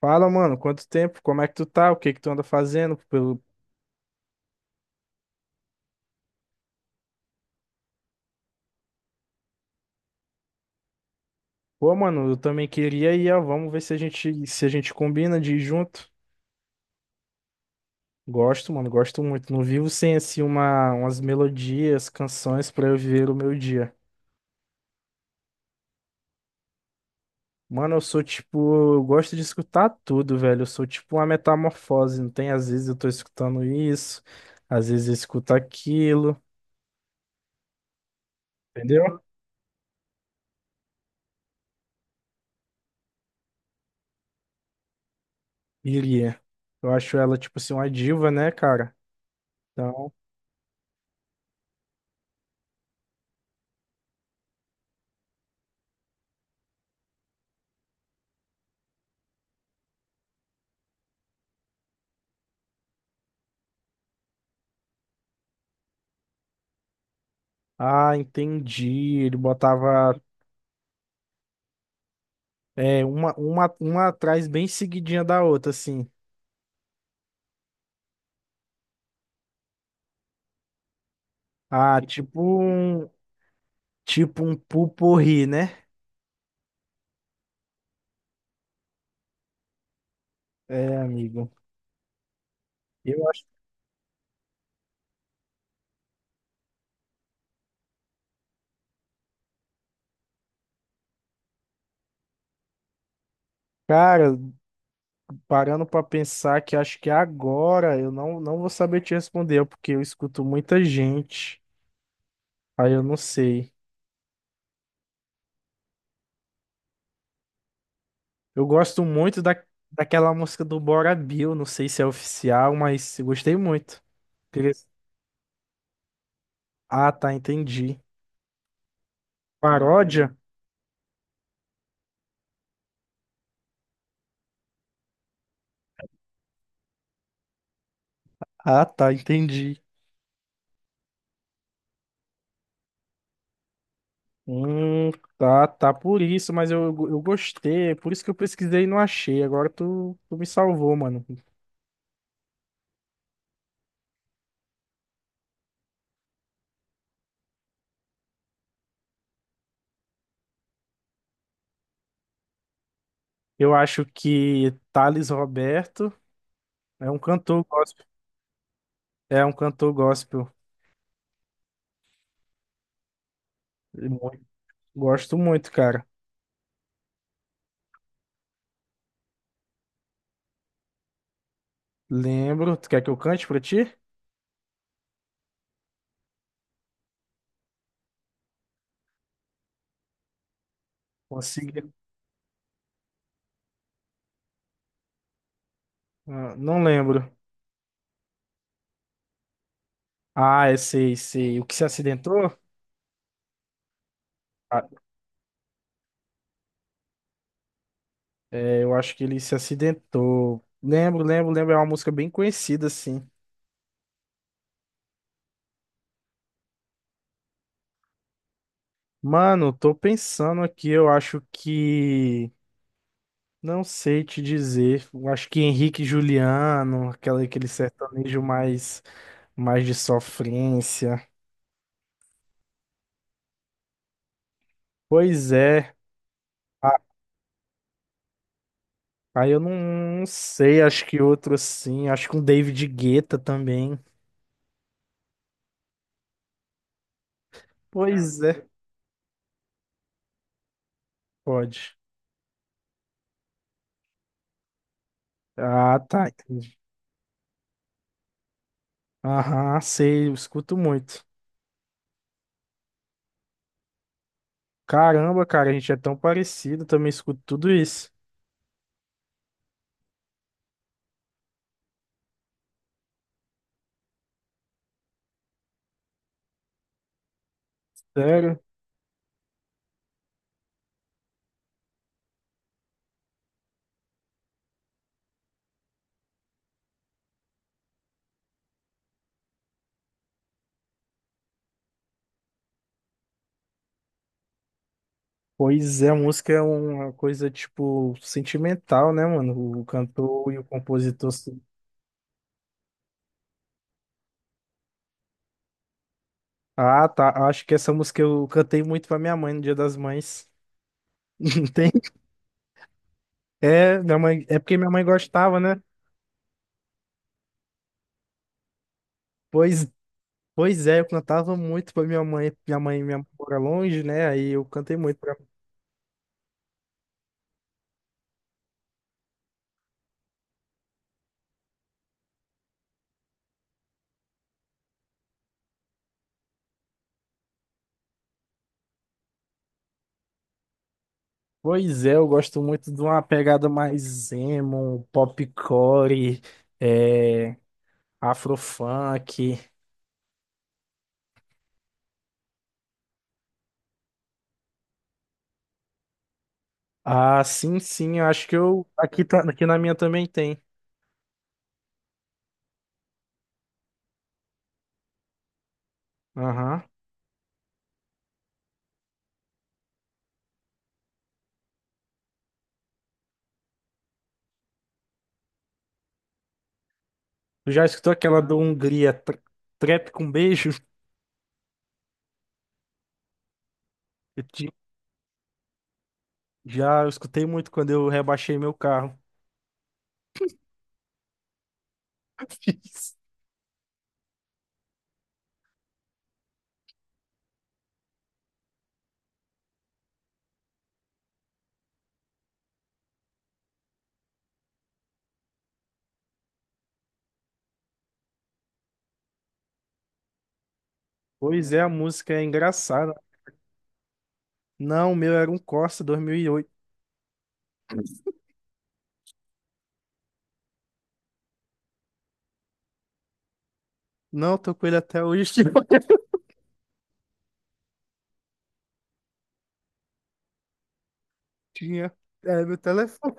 Fala, mano, quanto tempo? Como é que tu tá? O que que tu anda fazendo? Pô, mano, eu também queria ir, ó. Vamos ver se a gente combina de ir junto. Gosto, mano, gosto muito. Não vivo sem, assim, umas melodias, canções pra eu viver o meu dia. Mano, eu sou tipo, eu gosto de escutar tudo, velho. Eu sou tipo uma metamorfose, não tem? Às vezes eu tô escutando isso, às vezes eu escuto aquilo, entendeu? Iria. Eu acho ela, tipo assim, uma diva, né, cara? Então. Ah, entendi. Ele botava é, uma atrás bem seguidinha da outra, assim. Ah, tipo um pupurri, né? É, amigo. Eu acho, cara, parando pra pensar que acho que agora eu não vou saber te responder, porque eu escuto muita gente. Aí eu não sei. Eu gosto muito daquela música do Bora Bill, não sei se é oficial, mas eu gostei muito. Queria- Ah, tá, entendi. Paródia? Ah, tá, entendi. Hum, tá, tá por isso, mas eu gostei, por isso que eu pesquisei e não achei. Agora tu me salvou, mano. Eu acho que Thales Roberto é um cantor gospel. É um cantor gospel. E muito- Gosto muito, cara. Lembro. Tu quer que eu cante pra ti? Consegui. Ah, não lembro. Ah, é, sei, sei. O que se acidentou? Ah, é, eu acho que ele se acidentou. Lembro, lembro, lembro. É uma música bem conhecida, assim. Mano, tô pensando aqui, eu acho que. Não sei te dizer. Eu acho que Henrique e Juliano, aquele sertanejo mais de sofrência. Pois é. Ah, aí eu não sei, acho que outro assim. Acho que um David Guetta também. Pois é. Pode. Ah, tá. Entendi. Aham, sei, eu escuto muito. Caramba, cara, a gente é tão parecido, também escuto tudo isso. Sério? Pois é, música é uma coisa, tipo, sentimental, né, mano? O cantor e o compositor. Ah, tá. Acho que essa música eu cantei muito pra minha mãe no Dia das Mães. Não tem? É, minha mãe, é porque minha mãe gostava, né? Pois, pois é, eu cantava muito pra minha mãe. Minha mãe mora longe, né? Aí eu cantei muito pra. Pois é, eu gosto muito de uma pegada mais emo, popcore, é, afrofunk. Ah, sim, sim, eu acho que eu aqui tá, aqui na minha também tem. Aham. Tu já escutou aquela do Hungria, trap com beijo? Já eu escutei muito quando eu rebaixei meu carro. Pois é, a música é engraçada. Não, o meu era um Corsa 2008. Não, tô com ele até hoje. Tinha. É meu telefone.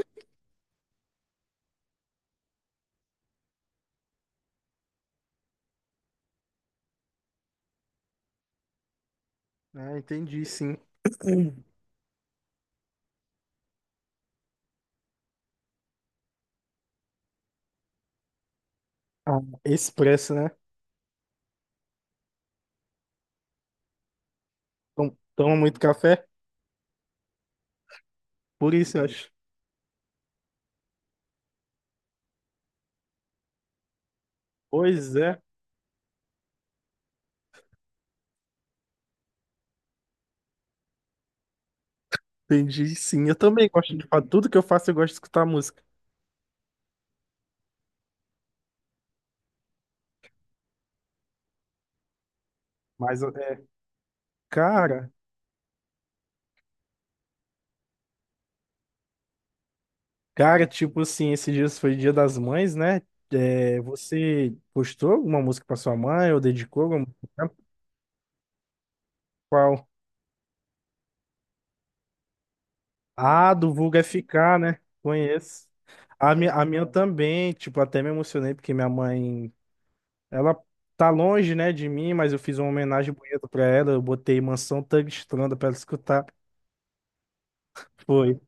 Ah, entendi, sim. Ah, expresso, né? Toma muito café? Por isso, eu acho. Pois é, entendi, sim. Eu também gosto de falar. Tudo que eu faço, eu gosto de escutar música. Mas, é, cara, cara, tipo assim, esses dias foi Dia das Mães, né? É, você postou alguma música pra sua mãe ou dedicou alguma música? Pra qual? Ah, do Vulga FK, né? Conheço. A minha também, tipo, até me emocionei porque minha mãe, ela tá longe, né, de mim, mas eu fiz uma homenagem bonita pra ela, eu botei Mansão Tangstranda pra ela escutar. Foi.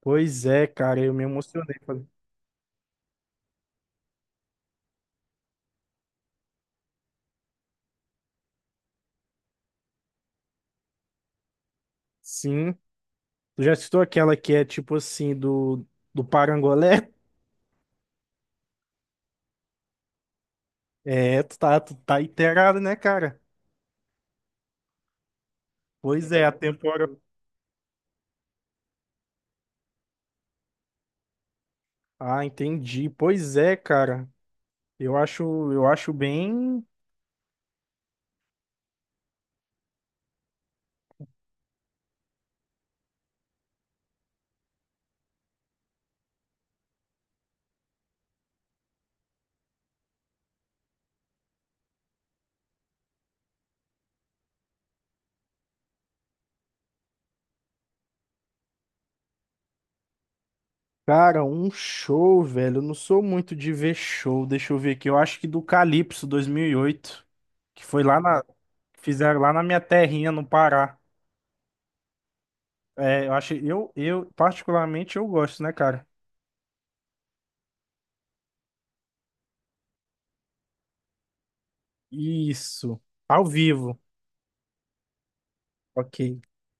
Pois é, cara, eu me emocionei. Falei, sim. Tu já citou aquela que é tipo assim, do Parangolé? É, tu tá inteirado, né, cara? Pois é, a temporada. Ah, entendi. Pois é, cara. Eu acho, eu acho bem, cara, um show, velho. Eu não sou muito de ver show. Deixa eu ver aqui. Eu acho que do Calypso 2008, que foi fizeram lá na minha terrinha, no Pará. É, eu acho, eu particularmente eu gosto, né, cara? Isso. Ao vivo. Ok.